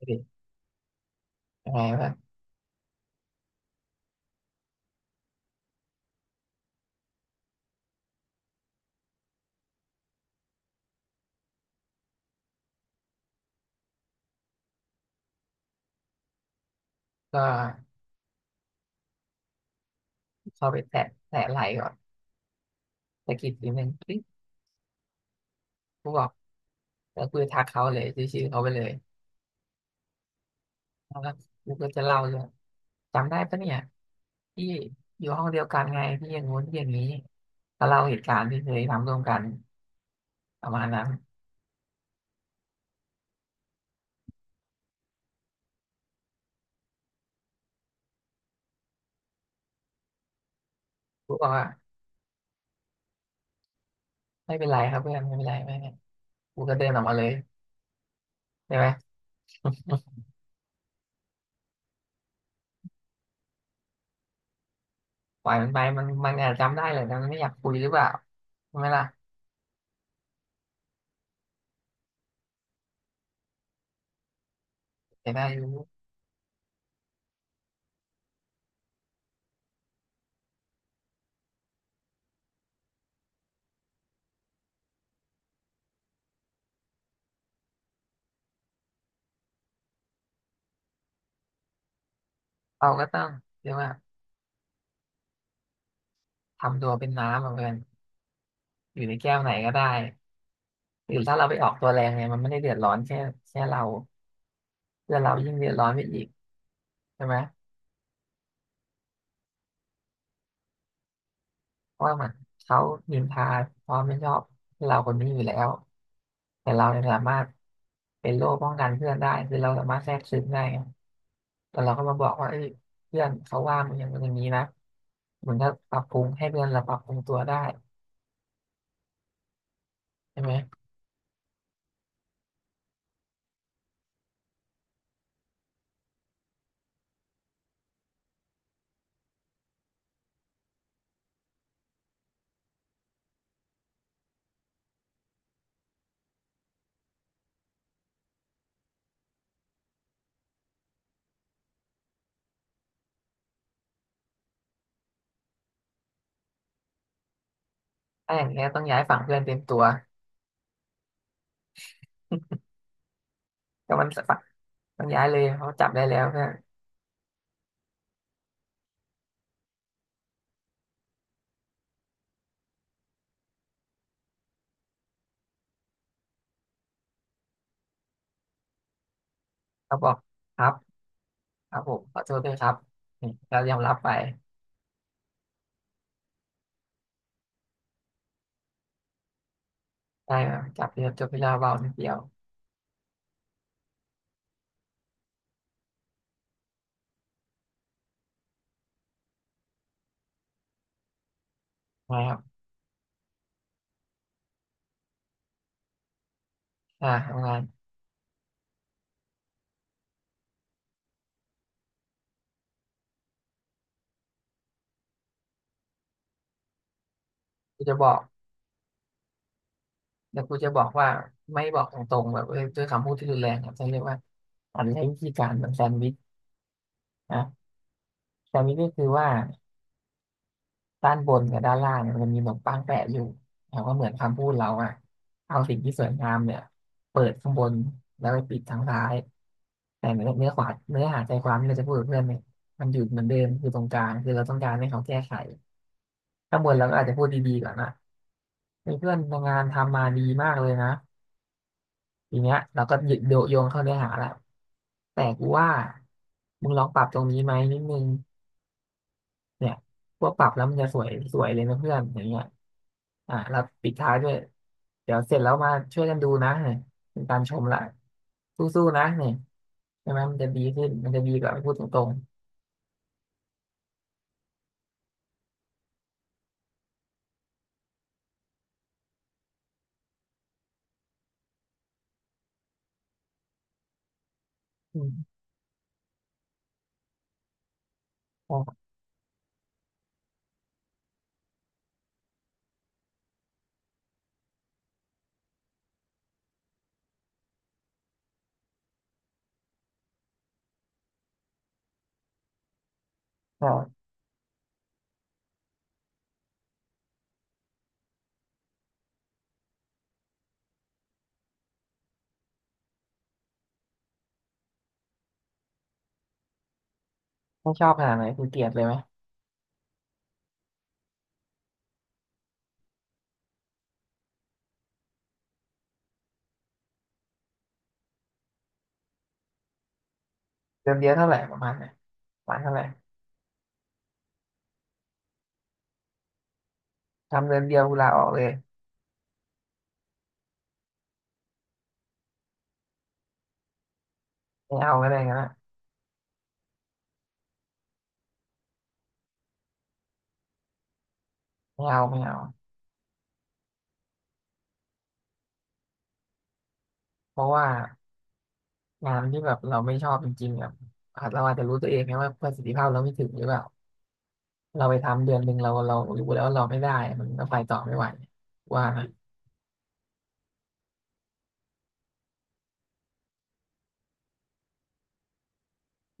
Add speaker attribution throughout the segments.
Speaker 1: ดิยังไงวะก็เข้าไปแตะไหล่ก่อนสะกิดทีหนึ่งคลิกกูบอกแล้วกูจะทักเขาเลยชื่อเขาไปเลยแล้วก็กูก็จะเล่าเรื่องจำได้ปะเนี่ยที่อยู่ห้องเดียวกันไงที่อย่างงู้นที่อย่างนี้ก็เล่าเหตุการณ์ที่เคยทำร่วมกันประมาณนั้นกูบอกว่าไม่เป็นไรครับเพื่อนไม่เป็นไรไม่เป็นไรกูก็เดินออกมาเลยใช่ไหมปล่อยมันไปมันอาจจำได้เลยแต่มันไม่อยากคุยหรือเปล่าใช่ไหมล่ะแต่ได้รู้เราก็ต้องเรียกว่าทำตัวเป็นน้ำอะเพื่อน อยู่ในแก้วไหนก็ได้หรือถ้าเราไปออกตัวแรงเนี่ยมันไม่ได้เดือดร้อนแค่เราเพื่อนเรายิ่งเดือดร้อนไปอีกใช่ไหมเพราะว่ามันเขานินทาความไม่ชอบเราคนนี้อยู่แล้วแต่เราเนี่ยสามารถเป็นโล่ป้องกันเพื่อนได้คือเราสามารถแทรกซึมได้ไงแต่เราก็มาบอกว่าเอ้ยเพื่อนเขาว่ามึงอย่างนั้นอย่างนี้นะมันก็ปรับปรุงให้เพื่อนเราปรับปรุงตัวได้ใช่ไหมถ้าอย่างเงี้ยต้องย้ายฝั่งเพื่อนเต็มตัวก็มันสะต้องย้ายเลยเขาจับได้แล้วเพื่อนเขาบอกครับ ครับผมขอโทษด้วยครับนี่เรายอมรับไปได้ครับจับเรียจบเวลาเบานิดเดียวนะครับอ่าทำงานกูจะบอกเดี๋ยวกูจะบอกว่าไม่บอกตรงๆแบบเอ้ยด้วยคำพูดที่รุนแรงครับจะเรียกว่าอานใช้วิธีการแบบแซนด์วิชนะแซนด์วิชก็คือว่าด้านบนกับด้านล่างเนี่ยมันจะมีขนมปังแปะอยู่แต่ว่าเหมือนคำพูดเราอะเอาสิ่งที่สวยงามเนี่ยเปิดข้างบนแล้วไปปิดทางซ้ายแต่เนื้อขวาเนื้อหาใจความที่เราจะพูดกับเพื่อนเนี่ยมันอยู่เหมือนเดิมคือตรงกลางคือเราต้องการให้เขาแก้ไข ถ้าบ่นเราก็อาจจะพูดดีๆก่อนนะมีเพื่อนทำงานทำมาดีมากเลยนะทีเนี้ยเราก็หยึดโยโยงเข้าเนื้อหาแล้วแต่กูว่ามึงลองปรับตรงนี้ไหมนิดนึงเนี่ยพวกปรับแล้วมันจะสวยสวยเลยนะเพื่อนอย่างเงี้ยอ่ะเราปิดท้ายด้วยเดี๋ยวเสร็จแล้วมาช่วยกันดูนะเนี่ยเป็นการชมละสู้ๆนะเนี่ยใช่ไหมมันจะดีขึ้นมันจะดีกว่าพูดตรงๆอืมก็ก็ไม่ชอบขนาดไหนคุณเกลียดเลยไหมเติมเดียวเท่าไหร่ประมาณไหนประมาณเท่าไหร่ ทำเดือนเดียวกูลาออกเลยไม่เอาก็ได้กันนะไม่เอาไม่เอาเพราะว่างานที่แบบเราไม่ชอบจริงๆแบบอาจเราอาจจะรู้ตัวเองไงว่าประสิทธิภาพเราไม่ถึงหรือเปล่าเราไปทำเดือนหนึ่งเรารู้แล้วว่าเราไม่ได้มันก็ไปต่อไม่ไหวว่านะ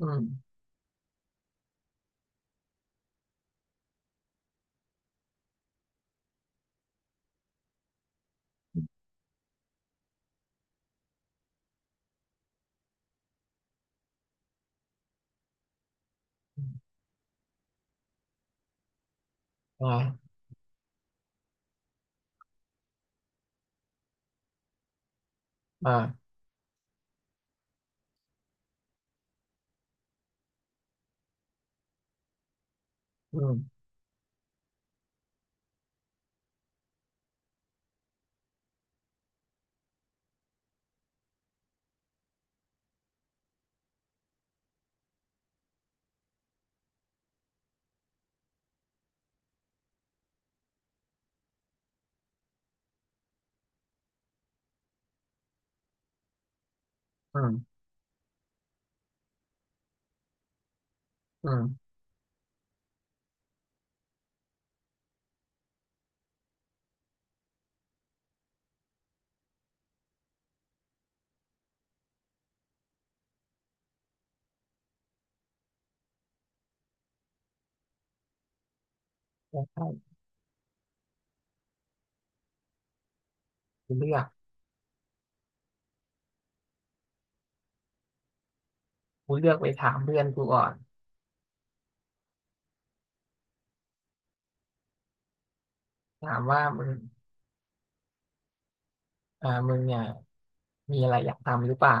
Speaker 1: อืมอ่าอ่าอืมอืมอืมใช่กูเลือกกูเลือกไปถามเพื่อนกูก่อนถามว่ามึงมึงเนี่ยมีอะไรอยากทำหรือเปล่า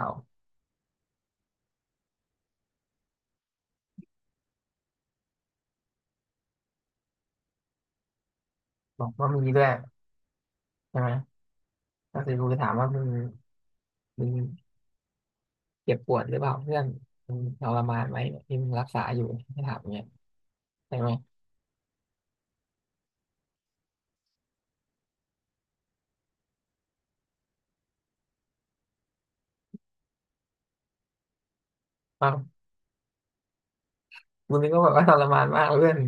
Speaker 1: บอกว่ามีด้วยใช่ไหมก็คือกูไปถามว่ามึง เจ็บปวดหรือเปล่าเพื่อนมันทรมานไหมเนี่ยที่มึงรักษาอยู่ให้ถามเนี่ยใช่ไหมบางมึงนึกว่าแบบว่าทรมานมากเพื่อน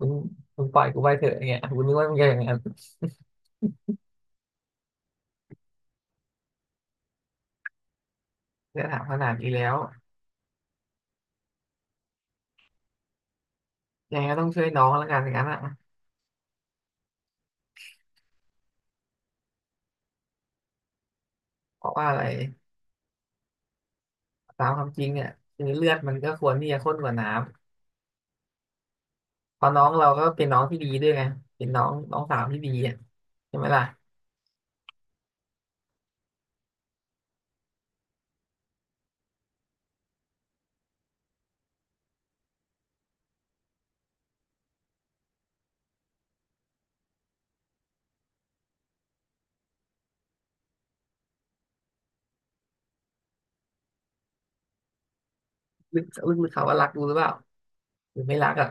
Speaker 1: มึงมึงปล่อยกูไปเถอะอย่างเงี้ยมุงนึกว่ามึงจะอย่างนั้นเพื่อนถามขนาดนี้แล้วยังไงก็ต้องช่วยน้องแล้วกันอย่างนั้นอ่ะเพราะว่าอะไรตามความจริงเนี่ยคือเลือดมันก็ควรที่จะข้นกว่าน้ำเพราะน้องเราก็เป็นน้องที่ดีด้วยไงเป็นน้องน้องสาวที่ดีอ่ะใช่ไหมล่ะลึกลึกๆเขาว่ารักกูหรือเปล่าหรือไม่รักอ่ะ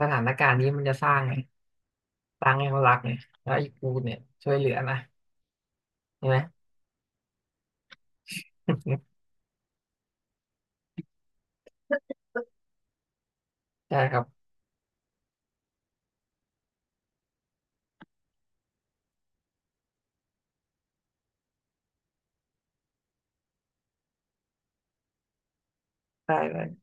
Speaker 1: สถานการณ์นี้มันจะสร้างไงสร้างให้เขารักไงแล้วไอ้กูเนี่ยช่วยเหลือนะ ใช่ไหม ใช่ครับได้เลย